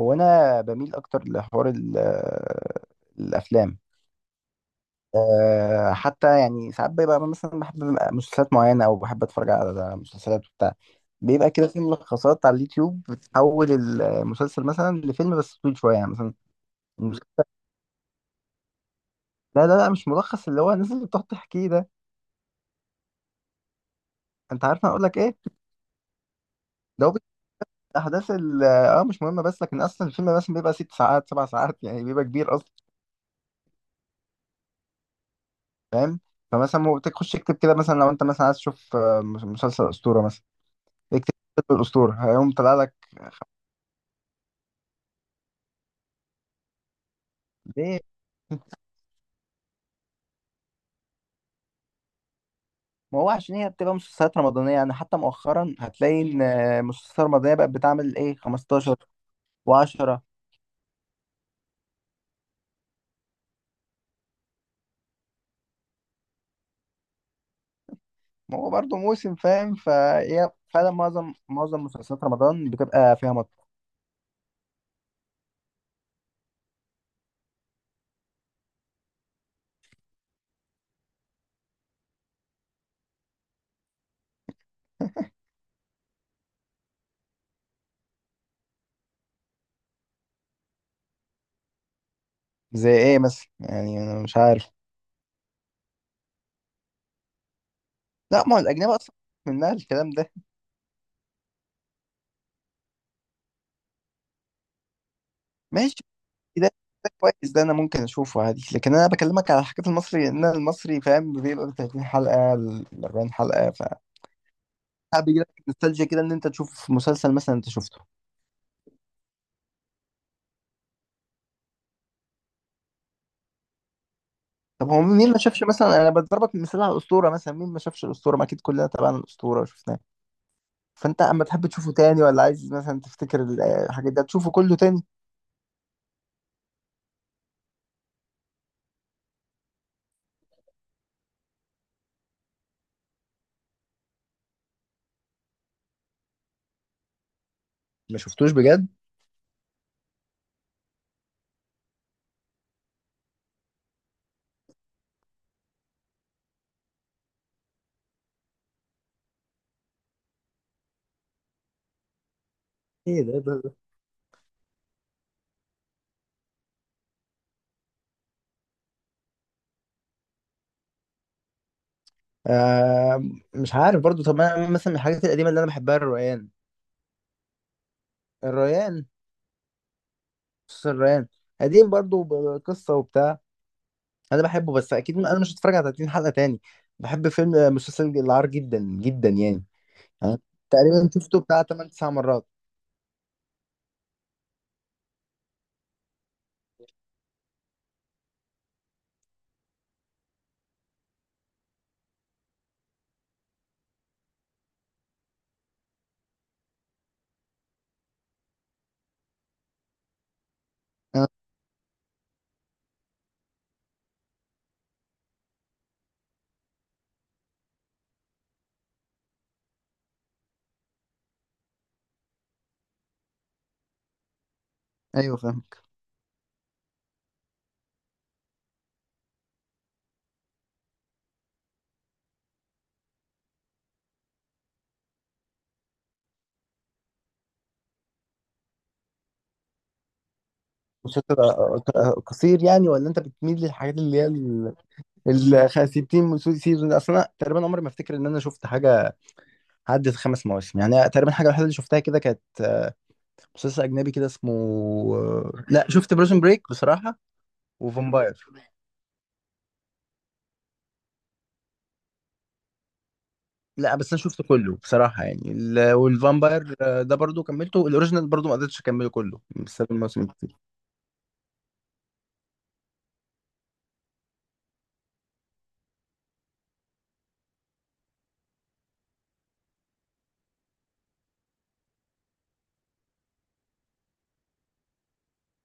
هو انا بميل اكتر لحوار الافلام. حتى يعني ساعات بيبقى مثلا بحب مسلسلات معينه او بحب اتفرج على مسلسلات بتاع بيبقى كده في ملخصات على اليوتيوب بتحول المسلسل مثلا لفيلم بس طويل شويه يعني مثلا. المس- لا لا لا، مش ملخص، اللي هو الناس اللي بتقعد تحكيه ده. انت عارف انا اقول لك ايه؟ ده هو بيحكي احداث مش مهمه، بس لكن اصلا الفيلم مثلا بيبقى 6 ساعات 7 ساعات يعني بيبقى كبير اصلا. فاهم؟ فمثلا هو تخش اكتب كده مثلا لو انت مثلا عايز تشوف مسلسل اسطوره مثلا، اكتب فيلم الأسطورة هيقوم طلع لك. خ- ليه؟ ما هو عشان هي بتبقى مسلسلات رمضانية، يعني حتى مؤخرا هتلاقي إن مسلسلات رمضانية بقت بتعمل إيه 15 و10. ما هو برضه موسم فاهم، فهي فعلا معظم مسلسلات رمضان بتبقى فيها مط... زي إيه مثلا؟ يعني أنا مش عارف. لا، ما هو الأجنبي أصلا منها الكلام ده. ماشي، ده ده كويس، ده أنا ممكن أشوفه عادي، لكن أنا بكلمك على حاجات المصري، إن المصري فاهم بيبقى 30 حلقة، 40 حلقة. ساعات بيجي لك نوستالجيا كده ان انت تشوف مسلسل مثلا انت شفته. طب هو مين ما شافش؟ مثلا انا بضربك مثال على الاسطوره، مثلا مين ما شافش الاسطوره؟ ما اكيد كلنا تابعنا الاسطوره وشفناه. فانت اما تحب تشوفه تاني، ولا عايز مثلا تفتكر الحاجات ده تشوفه كله تاني؟ ما شفتوش بجد؟ ايه ده آه، مش عارف برضو. طب انا مثلا من الحاجات القديمه اللي انا بحبها الريان. الريان بص، الريان قديم برضو بقصه وبتاع. انا بحبه، بس اكيد انا مش هتفرج على 30 حلقه تاني. بحب فيلم مسلسل العار جدا جدا يعني. أنا تقريبا شفته بتاع 8 9 مرات. آه، ايوه فاهم. مسلسل قصير يعني، ولا انت بتميل للحاجات اللي هي ال 60 سيزون؟ اصلا انا تقريبا عمري ما افتكر ان انا شفت حاجه عدت 5 مواسم. يعني تقريبا الحاجه الوحيده اللي شفتها كده كانت مسلسل اجنبي كده اسمه لا، شفت بريزون بريك بصراحه. وفامباير. لا بس انا شفته كله بصراحه يعني والفامباير ده برضو كملته. الاوريجينال برضو ما قدرتش اكمله كله بسبب المواسم كتير.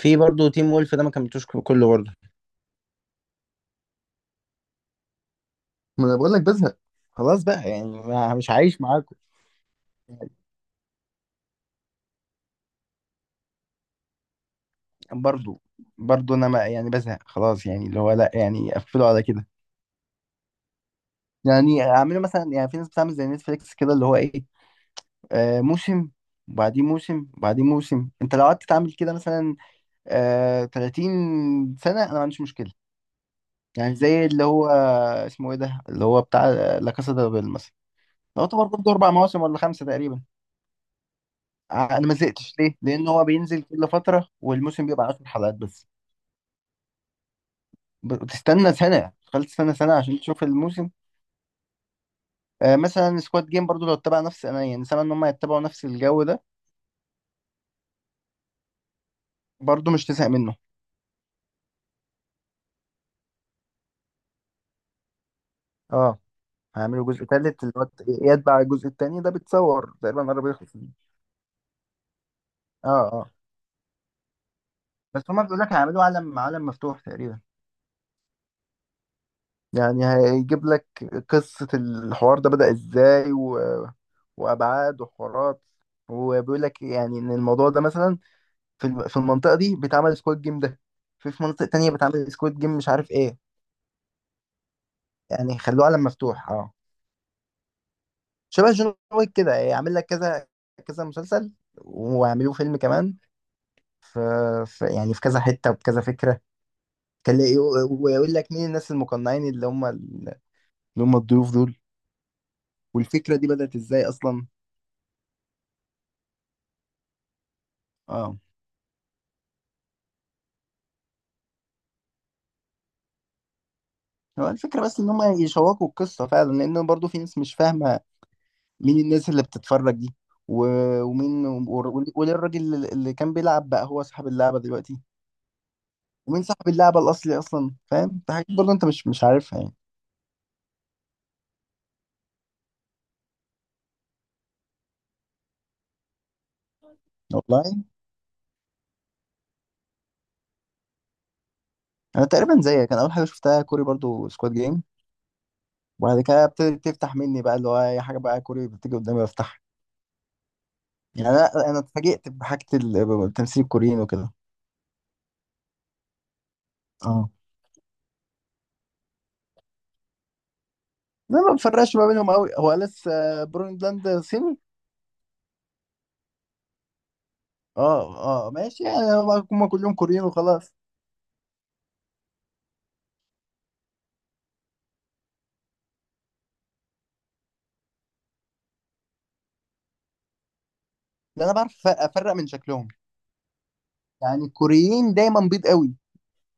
في برضو تيم وولف ده ما كملتوش كله برضو. ما انا بقول لك بزهق، خلاص بقى يعني، ما مش عايش معاكم يعني. برضو برضو انا ما يعني بزهق خلاص يعني، اللي هو لا يعني قفلوا على كده. يعني اعملوا مثلا، يعني في ناس بتعمل زي نتفليكس كده اللي هو ايه، موسم وبعدين موسم وبعدين موسم. انت لو قعدت تعمل كده مثلا 30 سنة، انا ما عنديش مشكلة. يعني زي اللي هو اسمه ايه ده اللي هو بتاع لا كاسا دي بابيل مثلا. لو يعتبر برضه 4 مواسم ولا خمسه تقريبا. انا ما زهقتش. ليه؟ لان هو بينزل كل فترة والموسم بيبقى 10 حلقات بس. بتستنى سنة، تخيل تستنى سنة عشان تشوف الموسم. مثلا سكواد جيم برضو لو اتبع نفس، انا يعني سامع ان هم يتبعوا نفس الجو ده برضو مش تزهق منه. اه، هيعملوا جزء تالت اللي هو يتبع الجزء التاني ده، بتصور تقريبا قرب يخلص. اه اه. بس هما بيقول لك هيعملوا عالم، عالم مفتوح تقريبا. يعني هيجيب لك قصة الحوار ده بدأ ازاي، و... وأبعاد وحوارات، وبيقول لك يعني ان الموضوع ده مثلا في في المنطقة دي بيتعمل سكواد جيم ده، في مناطق تانية بتعمل سكواد جيم مش عارف ايه. يعني خلوه عالم مفتوح، اه. شبه جون ويك كده، يعمل لك كذا كذا مسلسل، ويعملوه فيلم كمان. في, في يعني في كذا حتة وبكذا فكرة تلاقي. ويقول لك مين الناس المقنعين اللي هم الضيوف دول. والفكرة دي بدأت ازاي اصلا؟ اه. هو الفكرة بس ان هم يشوقوا القصة فعلا، لان برضو في ناس مش فاهمة مين الناس اللي بتتفرج دي، ومين وليه الراجل اللي كان بيلعب بقى هو صاحب اللعبة دلوقتي؟ ومين صاحب اللعبة الأصلي أصلا؟ فاهم؟ في حاجات برضه أنت مش عارفها يعني. والله، انا تقريبا زيك، انا اول حاجه شفتها كوري برضو سكواد جيم. وبعد كده ابتدت تفتح مني بقى اللي هو اي حاجه بقى كوري بتيجي قدامي بفتحها. يعني انا اتفاجئت بحاجه التمثيل الكوريين وكده. اه، انا ما بفرقش ما بينهم قوي. هو لسه بروندلاند صيني؟ اه اه، ماشي يعني، هم كلهم كوريين وخلاص. ده انا بعرف افرق من شكلهم. يعني الكوريين دايما بيض قوي،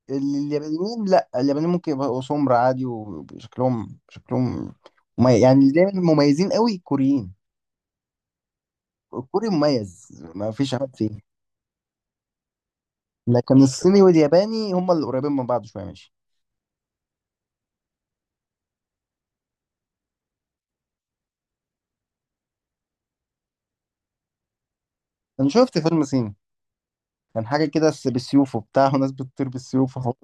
اليابانيين لا، اليابانيين ممكن يبقوا سمر عادي وشكلهم يعني اللي دايما مميزين قوي كوريين. الكوري مميز ما فيش عيب فيه. لكن الصيني والياباني هما اللي قريبين من بعض شويه ماشي. انا شفت فيلم صيني كان حاجه كده بالسيوف وبتاع وناس بتطير بالسيوف وحوار.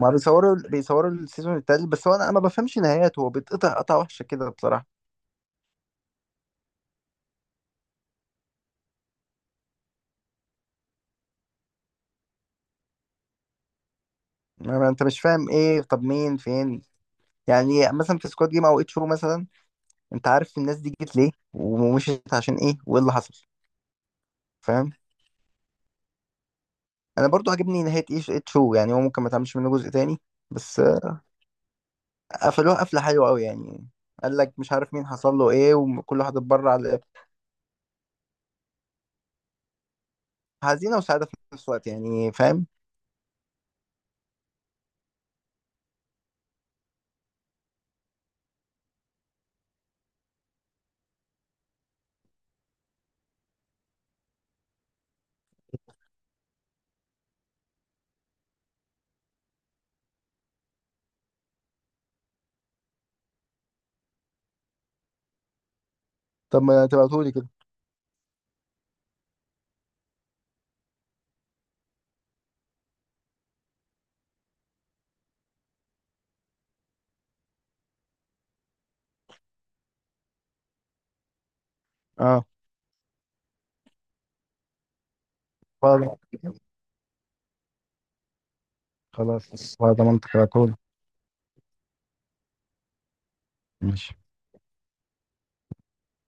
ما بيصوروا السيزون التالت، بس هو انا ما بفهمش نهايته، هو بيتقطع قطع وحشه كده بصراحه. ما انت مش فاهم ايه؟ طب مين، فين؟ يعني مثلا في سكواد جيم او اتشو مثلا، انت عارف الناس دي جت ليه ومشيت عشان ايه وايه اللي حصل؟ فاهم؟ انا برضو عجبني نهايه ايش اتشو يعني، هو ممكن ما تعملش منه جزء تاني. بس قفلوها قفلة حلوة أوي يعني. قال لك مش عارف مين حصل له إيه وكل واحد اتبرع حزينة وسعادة في نفس الوقت يعني. فاهم؟ طب ما تبعتهولي كده. اه خلاص، خلاص ضمنت تبعتهولي. ماشي.